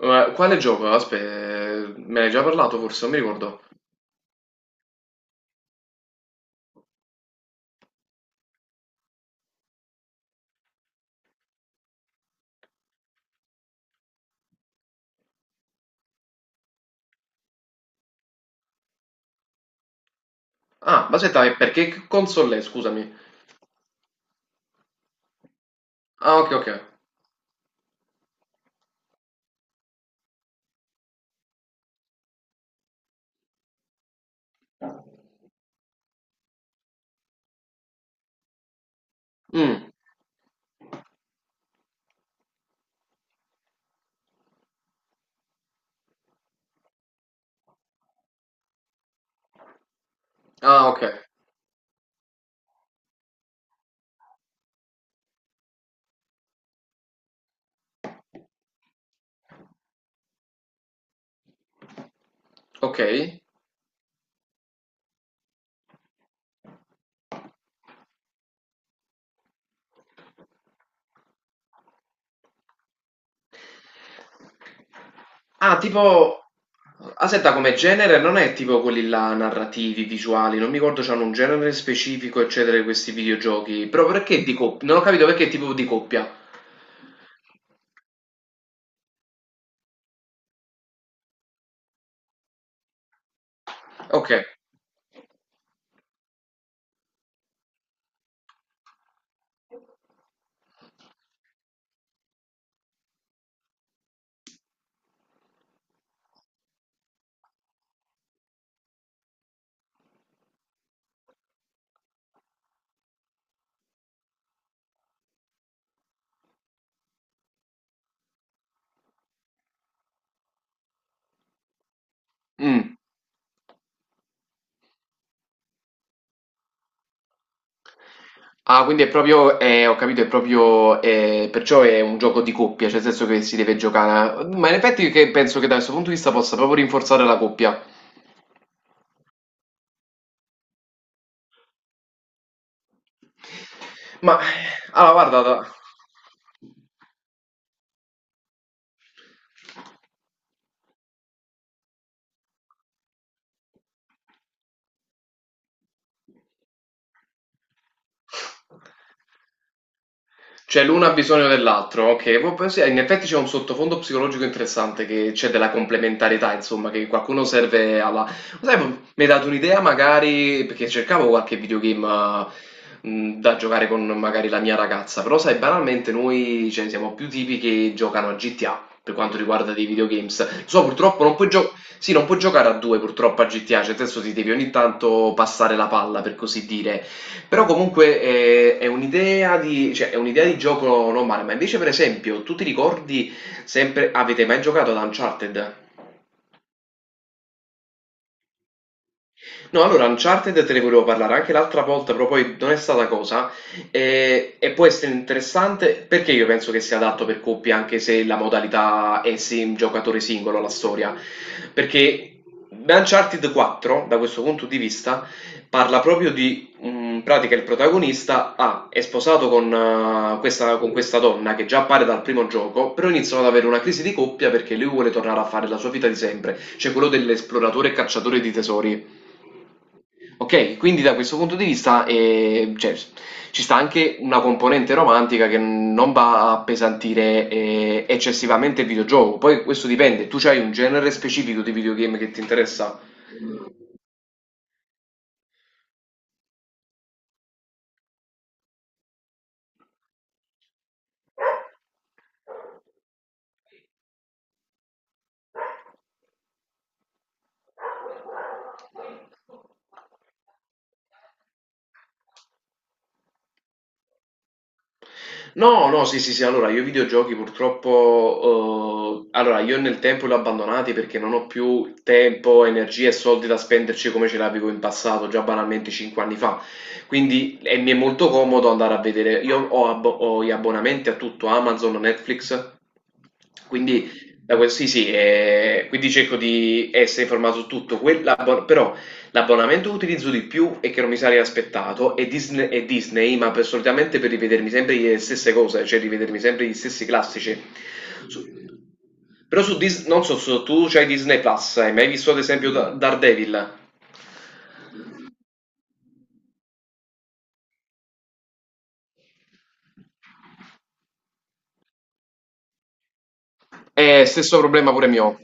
Ma quale gioco? Aspetta, me ne hai già parlato forse, non mi ricordo. Ah, ma aspetta, e perché che console è? Scusami. Ah, ok, ok. Mm, ah, ok, ok. Ah, tipo... Aspetta, come genere non è tipo quelli là narrativi, visuali, non mi ricordo, c'hanno un genere specifico, eccetera, di questi videogiochi. Però perché di coppia? Non ho capito perché tipo di coppia. Ok. Mm. Ah, quindi è proprio, ho capito, è proprio, perciò è un gioco di coppia, cioè nel senso che si deve giocare. Ma in effetti che penso che da questo punto di vista possa proprio rinforzare la coppia. Ma, allora, guarda, da- Cioè l'uno ha bisogno dell'altro, ok. Sì, in effetti c'è un sottofondo psicologico interessante che c'è della complementarietà, insomma, che qualcuno serve alla... Sai, mi hai dato un'idea magari, perché cercavo qualche videogame da giocare con magari la mia ragazza, però sai, banalmente noi cioè, siamo più tipi che giocano a GTA per quanto riguarda dei videogames. Lo so, purtroppo non puoi giocare... Sì, non puoi giocare a due purtroppo a GTA, cioè adesso ti devi ogni tanto passare la palla, per così dire. Però comunque è un'idea di, cioè, è un'idea di gioco normale, ma invece per esempio, tu ti ricordi sempre, avete mai giocato ad Uncharted? No, allora Uncharted te ne volevo parlare anche l'altra volta, però poi non è stata cosa. E può essere interessante perché io penso che sia adatto per coppie, anche se la modalità è sim giocatore singolo, la storia. Perché Uncharted 4, da questo punto di vista, parla proprio di in pratica il protagonista è sposato con, con questa donna che già appare dal primo gioco, però iniziano ad avere una crisi di coppia perché lui vuole tornare a fare la sua vita di sempre, cioè quello dell'esploratore e cacciatore di tesori. Ok, quindi da questo punto di vista cioè, ci sta anche una componente romantica che non va a appesantire eccessivamente il videogioco. Poi questo dipende, tu hai un genere specifico di videogame che ti interessa? No, no, sì, sì, sì, allora io i videogiochi purtroppo, allora io nel tempo li ho abbandonati perché non ho più tempo, energie e soldi da spenderci come ce l'avevo in passato, già banalmente 5 anni fa. Quindi e mi è molto comodo andare a vedere, io ho gli abbonamenti a tutto, Amazon, Netflix, quindi, da quel- sì, sì, quindi cerco di essere informato su tutto, quella- però l'abbonamento che utilizzo di più e che non mi sarei aspettato è Disney, ma per- solitamente per rivedermi sempre le stesse cose, cioè rivedermi sempre gli stessi classici. Su- però su Disney, non so se tu c'hai Disney Plus, hai mai visto ad esempio Daredevil? È stesso problema pure mio.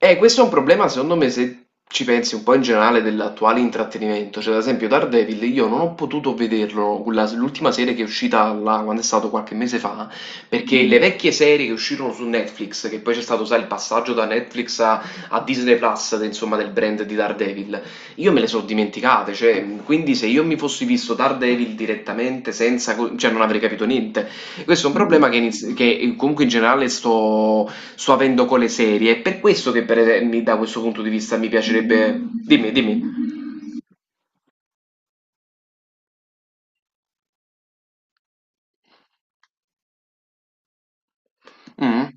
Questo è un problema, secondo me, se ci pensi un po' in generale dell'attuale intrattenimento. Cioè, ad esempio, Daredevil, io non ho potuto vederlo, quella- l'ultima serie che è uscita là, quando è stato qualche mese fa, perché le vecchie serie che uscirono su Netflix, che poi c'è stato, sai, il passaggio da Netflix a Disney Plus, de- insomma, del brand di Daredevil, io me le sono dimenticate. Cioè, quindi se io mi fossi visto Daredevil direttamente, senza, co- cioè, non avrei capito niente. Questo è un problema che, iniz- che comunque in generale sto avendo con le serie. È per questo che per, mi- da questo punto di vista mi piacerebbe... Dimmi, dimmi. Mm?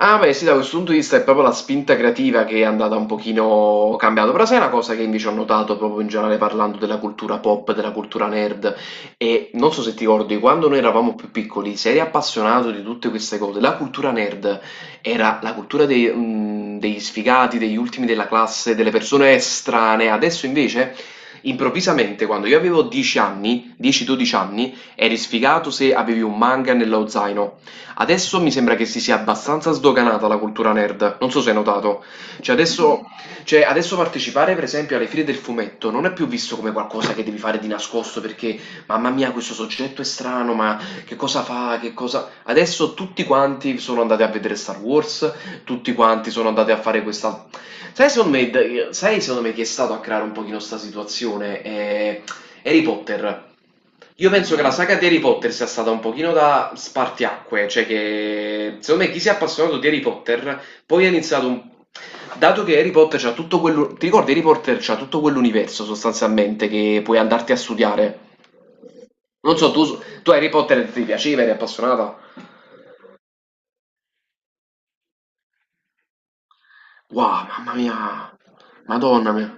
Ah, beh, sì, da questo punto di vista è proprio la spinta creativa che è andata un pochino cambiata, però sai una cosa che invece ho notato proprio in generale parlando della cultura pop, della cultura nerd, e non so se ti ricordi, quando noi eravamo più piccoli, se eri appassionato di tutte queste cose, la cultura nerd era la cultura dei, degli sfigati, degli ultimi della classe, delle persone estranee, adesso invece... Improvvisamente, quando io avevo 10 anni, 10-12 anni, eri sfigato se avevi un manga nello zaino. Adesso mi sembra che si sia abbastanza sdoganata la cultura nerd, non so se hai notato. Cioè adesso, cioè, adesso partecipare per esempio alle fiere del fumetto non è più visto come qualcosa che devi fare di nascosto perché mamma mia questo soggetto è strano, ma che cosa fa, che cosa... Adesso tutti quanti sono andati a vedere Star Wars, tutti quanti sono andati a fare questa... sai secondo me chi è stato a creare un pochino sta situazione? È Harry Potter. Io penso che la saga di Harry Potter sia stata un pochino da spartiacque, cioè che secondo me chi si è appassionato di Harry Potter poi ha iniziato un... Dato che Harry Potter c'ha tutto quello... Ti ricordi Harry Potter c'ha tutto quell'universo sostanzialmente che puoi andarti a studiare. Non so, tu Harry Potter ti piaceva, eri appassionata? Wow, mamma mia, madonna mia.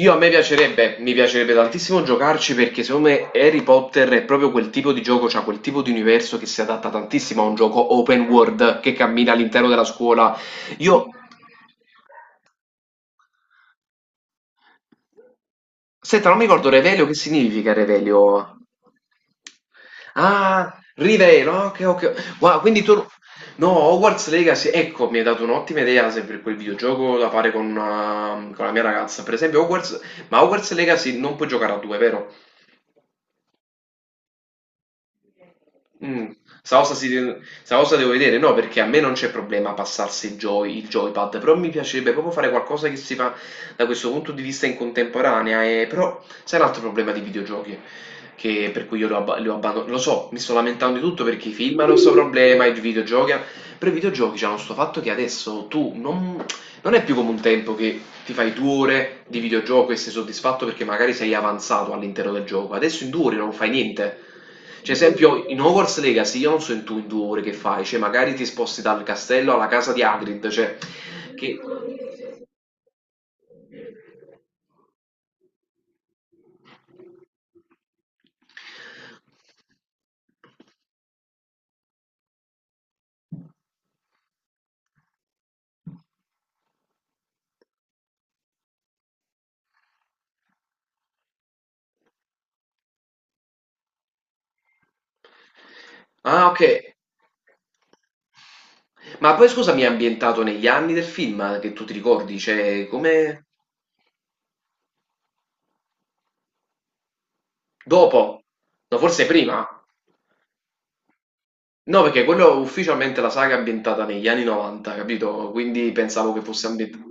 Io a me piacerebbe, mi piacerebbe tantissimo giocarci perché secondo me Harry Potter è proprio quel tipo di gioco, cioè quel tipo di universo che si adatta tantissimo a un gioco open world che cammina all'interno della scuola. Io, senta, non mi ricordo Revelio, che significa Revelio? Ah, Rivelo, ah, ok, ok. Wow, quindi tu... No, Hogwarts Legacy, ecco, mi hai dato un'ottima idea se per quel videogioco da fare con la mia ragazza. Per esempio Hogwarts... Ma Hogwarts Legacy non puoi giocare a due, vero? Mm. Sausa, si deve- Sausa devo vedere, no, perché a me non c'è problema passarsi il joypad, però mi piacerebbe proprio fare qualcosa che si fa da questo punto di vista in contemporanea, e... però sai un altro problema di videogiochi, che per cui io lo abbandono, lo so, mi sto lamentando di tutto perché i film hanno questo problema, i videogiochi, hanno- però i videogiochi hanno questo fatto che adesso tu non, non è più come un tempo che ti fai 2 ore di videogioco e sei soddisfatto perché magari sei avanzato all'interno del gioco. Adesso in 2 ore non fai niente. Cioè, esempio, in Hogwarts Legacy io non so in tu in 2 ore che fai, cioè magari ti sposti dal castello alla casa di Hagrid, cioè che... Ah, ok. Ma poi scusami, è ambientato negli anni del film che tu ti ricordi, cioè come... Dopo? No, forse prima? No, perché quello ufficialmente la saga è ambientata negli anni 90, capito? Quindi pensavo che fosse ambientata.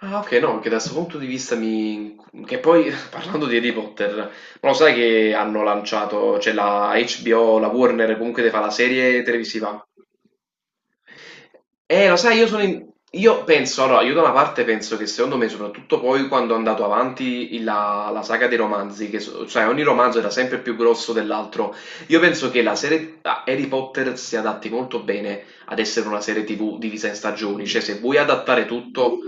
Ah, okay, no, che da 'sto punto di vista mi che poi parlando di Harry Potter, ma lo sai che hanno lanciato cioè la HBO, la Warner comunque te fa la serie televisiva? Lo sai, io sono in- io penso, allora, io da una parte penso che secondo me, soprattutto poi quando è andato avanti la saga dei romanzi, che so- cioè ogni romanzo era sempre più grosso dell'altro, io penso che la serie a Harry Potter si adatti molto bene ad essere una serie TV divisa in stagioni, cioè se vuoi adattare tutto,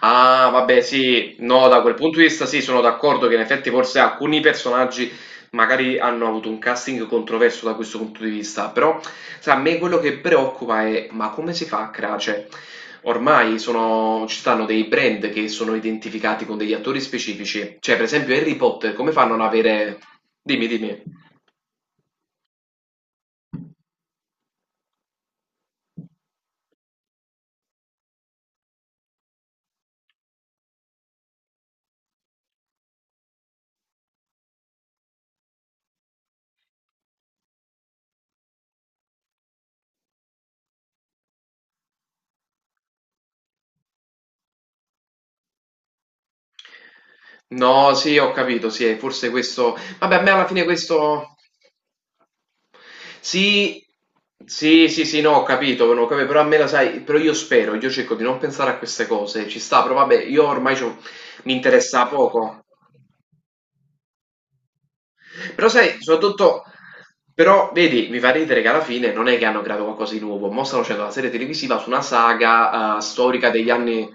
ah vabbè sì, no, da quel punto di vista sì, sono d'accordo che in effetti forse alcuni personaggi magari hanno avuto un casting controverso da questo punto di vista, però sai, a me quello che preoccupa è ma come si fa a creare, cioè ormai sono- ci stanno dei brand che sono identificati con degli attori specifici, cioè per esempio Harry Potter, come fanno a non avere... Dimmi, dimmi. No, sì, ho capito, sì, forse questo... Vabbè, a me alla fine questo... Sì, sì, sì, sì, no, ho capito, no, ho capito, però a me la sai, però io spero, io cerco di non pensare a queste cose, ci sta, però vabbè, io ormai c'ho- mi interessa poco. Però sai, soprattutto, però vedi, mi fa ridere che alla fine non è che hanno creato qualcosa di nuovo, mo stanno facendo la serie televisiva su una saga storica degli anni.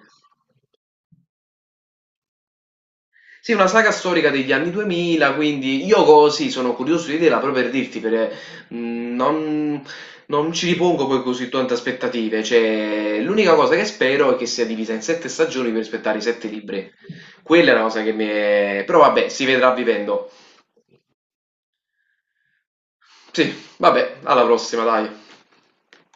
Sì, una saga storica degli anni 2000, quindi io così sono curioso di vederla proprio per dirti, perché mh, non, non ci ripongo poi così tante aspettative, cioè l'unica cosa che spero è che sia divisa in sette stagioni per aspettare i sette libri. Quella è una cosa che mi è... però vabbè, si vedrà vivendo. Sì, vabbè, alla prossima, dai.